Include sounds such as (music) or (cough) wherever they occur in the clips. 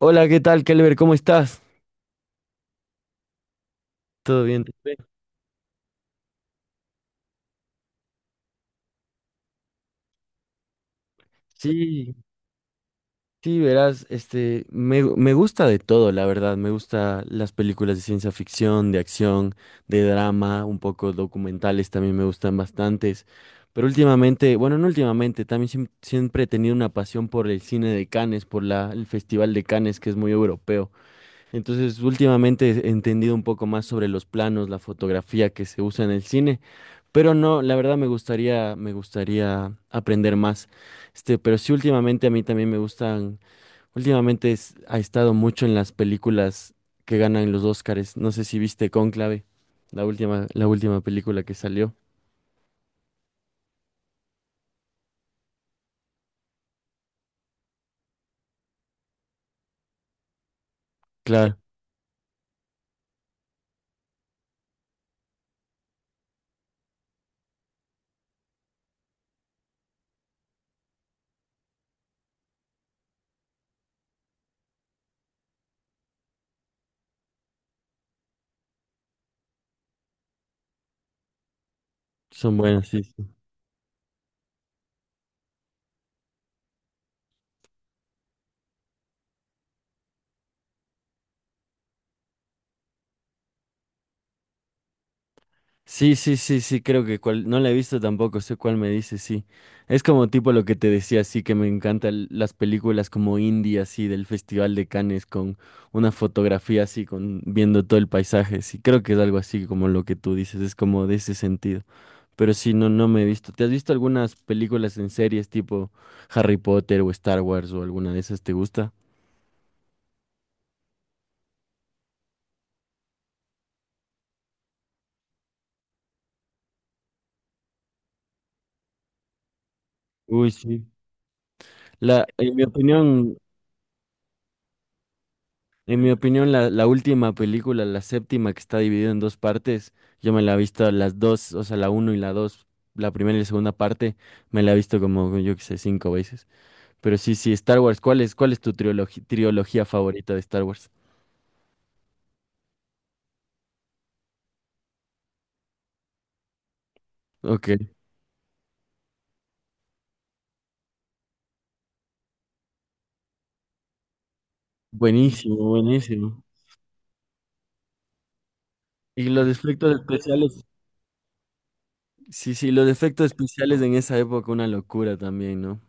Hola, ¿qué tal, Kelber? ¿Cómo estás? ¿Todo bien? Sí, sí, verás, me gusta de todo, la verdad. Me gusta las películas de ciencia ficción, de acción, de drama, un poco documentales también me gustan bastantes. Pero últimamente, bueno, no últimamente, también siempre he tenido una pasión por el cine de Cannes, por el Festival de Cannes, que es muy europeo. Entonces, últimamente he entendido un poco más sobre los planos, la fotografía que se usa en el cine, pero no, la verdad me gustaría aprender más. Este, pero sí, últimamente a mí también me gustan, últimamente ha estado mucho en las películas que ganan los Óscares. No sé si viste Cónclave, la última película que salió. Claro, son buenas, sí. Sí, sí, sí, sí, creo que cual, no la he visto tampoco, sé cuál me dice, sí. Es como tipo lo que te decía, sí, que me encantan las películas como indie, así, del Festival de Cannes, con una fotografía así, con viendo todo el paisaje, sí, creo que es algo así como lo que tú dices, es como de ese sentido. Pero sí, no, no me he visto. ¿Te has visto algunas películas en series tipo Harry Potter o Star Wars o alguna de esas? ¿Te gusta? Uy, sí. La, en mi opinión, en mi opinión, la última película, la séptima que está dividida en dos partes, yo me la he visto las dos, o sea, la uno y la dos, la primera y la segunda parte, me la he visto como, yo qué sé, cinco veces. Pero sí, sí, Star Wars, cuál es tu trilogía favorita de Star Wars? Ok, buenísimo, buenísimo. Y los efectos especiales, sí, sí, los efectos especiales en esa época, una locura también, ¿no?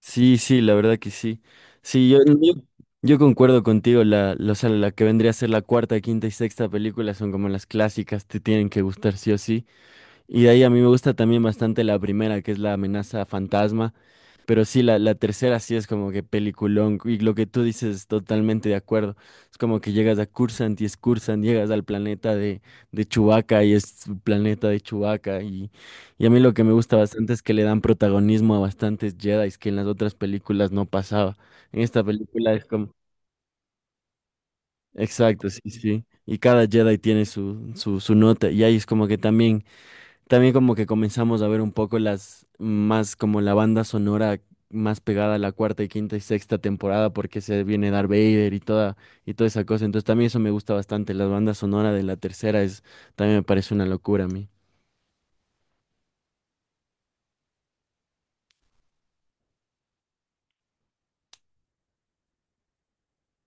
Sí, sí, la verdad que sí. Sí, yo concuerdo contigo, la, o sea, la que vendría a ser la cuarta, quinta y sexta película son como las clásicas, te tienen que gustar sí o sí. Y de ahí a mí me gusta también bastante la primera, que es la amenaza fantasma. Pero sí, la tercera sí es como que peliculón. Y lo que tú dices, totalmente de acuerdo. Es como que llegas a Cursant y es Cursant, llegas al planeta de Chewbacca y es su planeta de Chewbacca. Y a mí lo que me gusta bastante es que le dan protagonismo a bastantes Jedi, que en las otras películas no pasaba. En esta película es como... Exacto, sí, sí. Y cada Jedi tiene su nota. Y ahí es como que también también como que comenzamos a ver un poco las más como la banda sonora más pegada a la cuarta y quinta y sexta temporada porque se viene Darth Vader y toda esa cosa. Entonces también eso me gusta bastante. La banda sonora de la tercera es también me parece una locura a mí.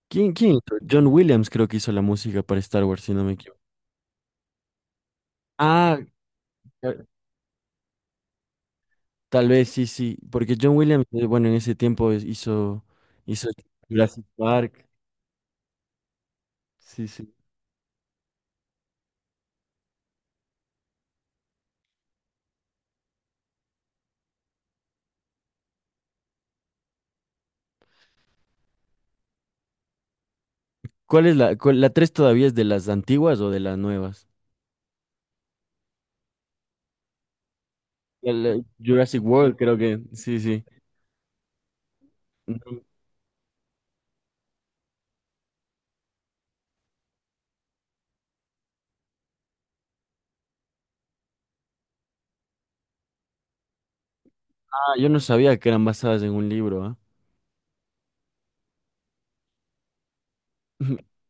¿Quién, quién hizo? John Williams creo que hizo la música para Star Wars, si no me equivoco. Ah, ta- tal vez sí, sí, porque John Williams, bueno, en ese tiempo hizo hizo Jurassic Park. Sí, sí. ¿Cuál es la la tres todavía es de las antiguas o de las nuevas? Jurassic World, creo que. Sí, sí. No, ah, yo no sabía que eran basadas en un libro, ¿ah? (laughs)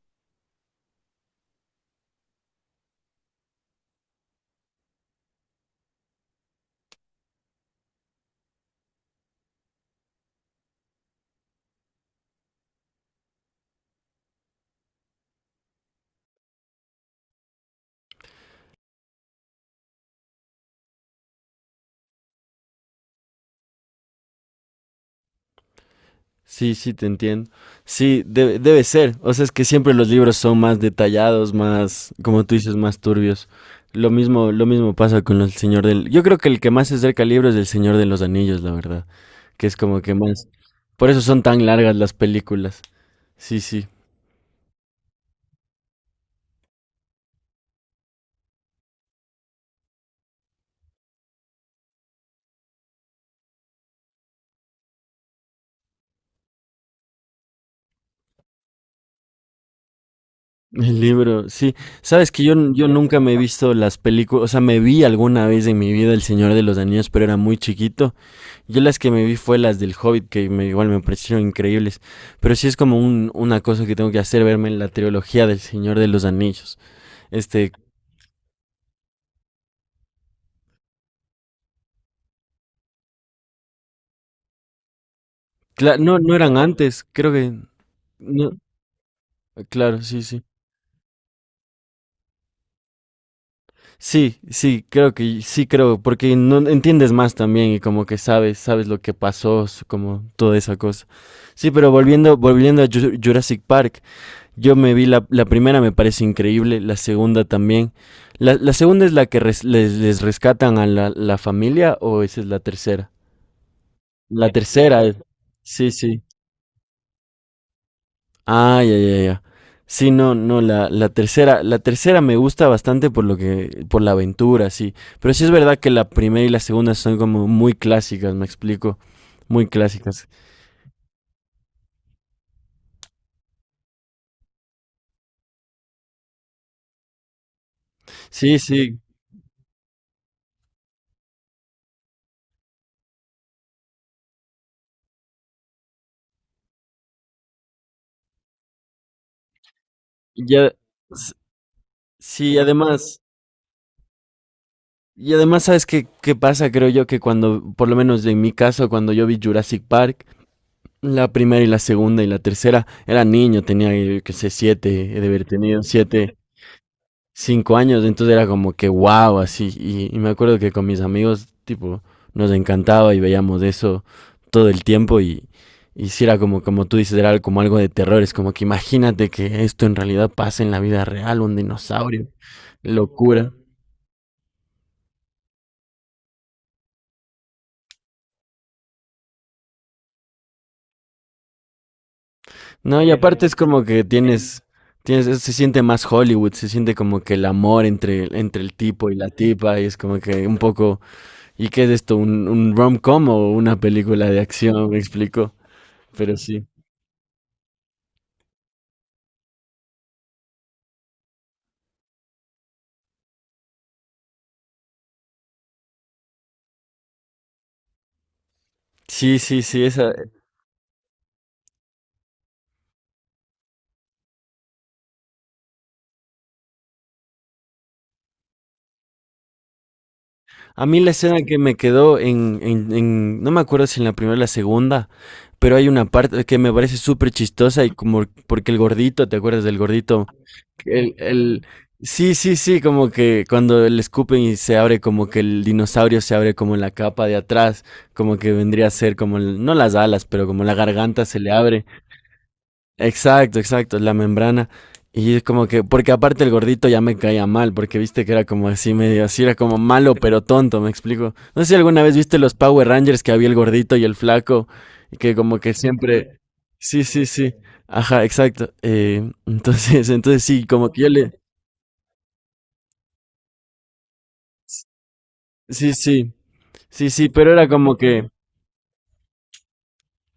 Sí, sí, te entiendo. Sí, debe, debe ser. O sea, es que siempre los libros son más detallados, más, como tú dices, más turbios. Lo mismo pasa con el Señor del... Yo creo que el que más se acerca al libro es el Señor de los Anillos, la verdad. Que es como que más... Por eso son tan largas las películas. Sí, sí. El libro, sí. Sabes que yo nunca me he visto las películas, o sea, me vi alguna vez en mi vida El Señor de los Anillos, pero era muy chiquito. Yo las que me vi fue las del Hobbit, que me, igual me parecieron increíbles. Pero sí es como un, una cosa que tengo que hacer, verme en la trilogía del Señor de los Anillos. Este, no, no eran antes, creo que... No, claro, sí, sí. Sí, sí, creo que sí creo, porque no entiendes más también y como que sabes, sabes lo que pasó, como toda esa cosa. Sí, pero volviendo, volviendo a Jurassic Park, yo me vi la primera, me parece increíble, la segunda también. La segunda es la que les rescatan a la familia o esa es la tercera? La tercera, eh. Sí, sí. Ah, ya, ya, ya. Sí, no, no, la tercera me gusta bastante por lo que, por la aventura, sí. Pero sí es verdad que la primera y la segunda son como muy clásicas, me explico. Muy clásicas. Sí, sí. Ya, s- sí, además, y además, ¿sabes qué, qué pasa? Creo yo que cuando, por lo menos en mi caso, cuando yo vi Jurassic Park, la primera y la segunda y la tercera, era niño, tenía, yo qué sé, siete, he de haber tenido siete. Cinco años, entonces era como que wow, así. Y me acuerdo que con mis amigos, tipo, nos encantaba y veíamos eso todo el tiempo y si era como, como tú dices, era como algo de terror, es como que imagínate que esto en realidad pasa en la vida real, un dinosaurio, locura. No, y aparte es como que tienes, tienes, se siente más Hollywood, se siente como que el amor entre, entre el tipo y la tipa, y es como que un poco, ¿y qué es esto? Un rom-com o una película de acción? Me explico, pero sí. Sí, sí, sí, esa. A mí la escena que me quedó no me acuerdo si en la primera o la segunda, pero hay una parte que me parece súper chistosa y como porque el gordito, ¿te acuerdas del gordito? El, el, sí, sí, sí, como que cuando le escupen y se abre como que el dinosaurio se abre como en la capa de atrás, como que vendría a ser como, no las alas, pero como la garganta se le abre. Exacto, exacto, la membrana. Y es como que, porque aparte el gordito ya me caía mal, porque viste que era como así medio, así era como malo pero tonto, me explico. No sé si alguna vez viste los Power Rangers que había el gordito y el flaco, y que como que siempre... Sí, sí, sí. Ajá, exacto. (laughs) Entonces, entonces sí, como que yo le... Sí, sí, sí, sí, pero era como que...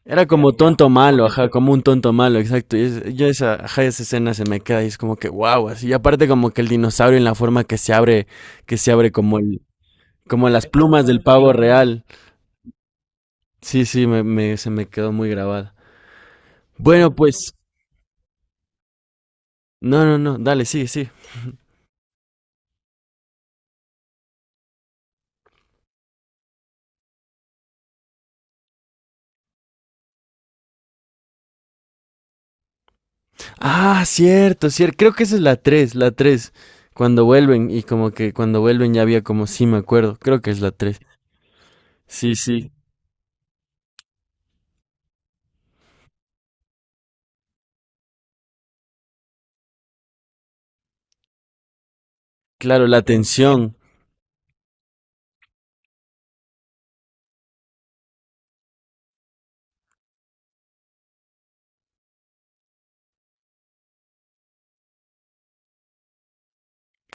Era como tonto malo, ajá, como un tonto malo, exacto. Yo esa, ajá, esa escena se me queda y es como que wow, así. Y aparte como que el dinosaurio en la forma que se abre como como las plumas del pavo real. Sí, sí, se me quedó muy grabada. Bueno, pues, no, no, no, dale, sí, sí. Ah, cierto, cierto. Creo que esa es la 3, la 3. Cuando vuelven y como que cuando vuelven ya había como, sí, me acuerdo. Creo que es la 3. Sí, sí. Claro, la tensión.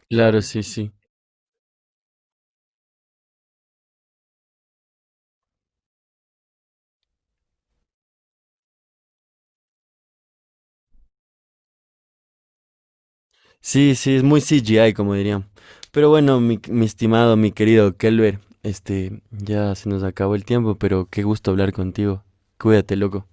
Claro, sí, sí. Sí, sí, es muy CGI, como dirían. Pero bueno, mi estimado, mi querido Kelber, este, ya se nos acabó el tiempo, pero qué gusto hablar contigo. Cuídate, loco.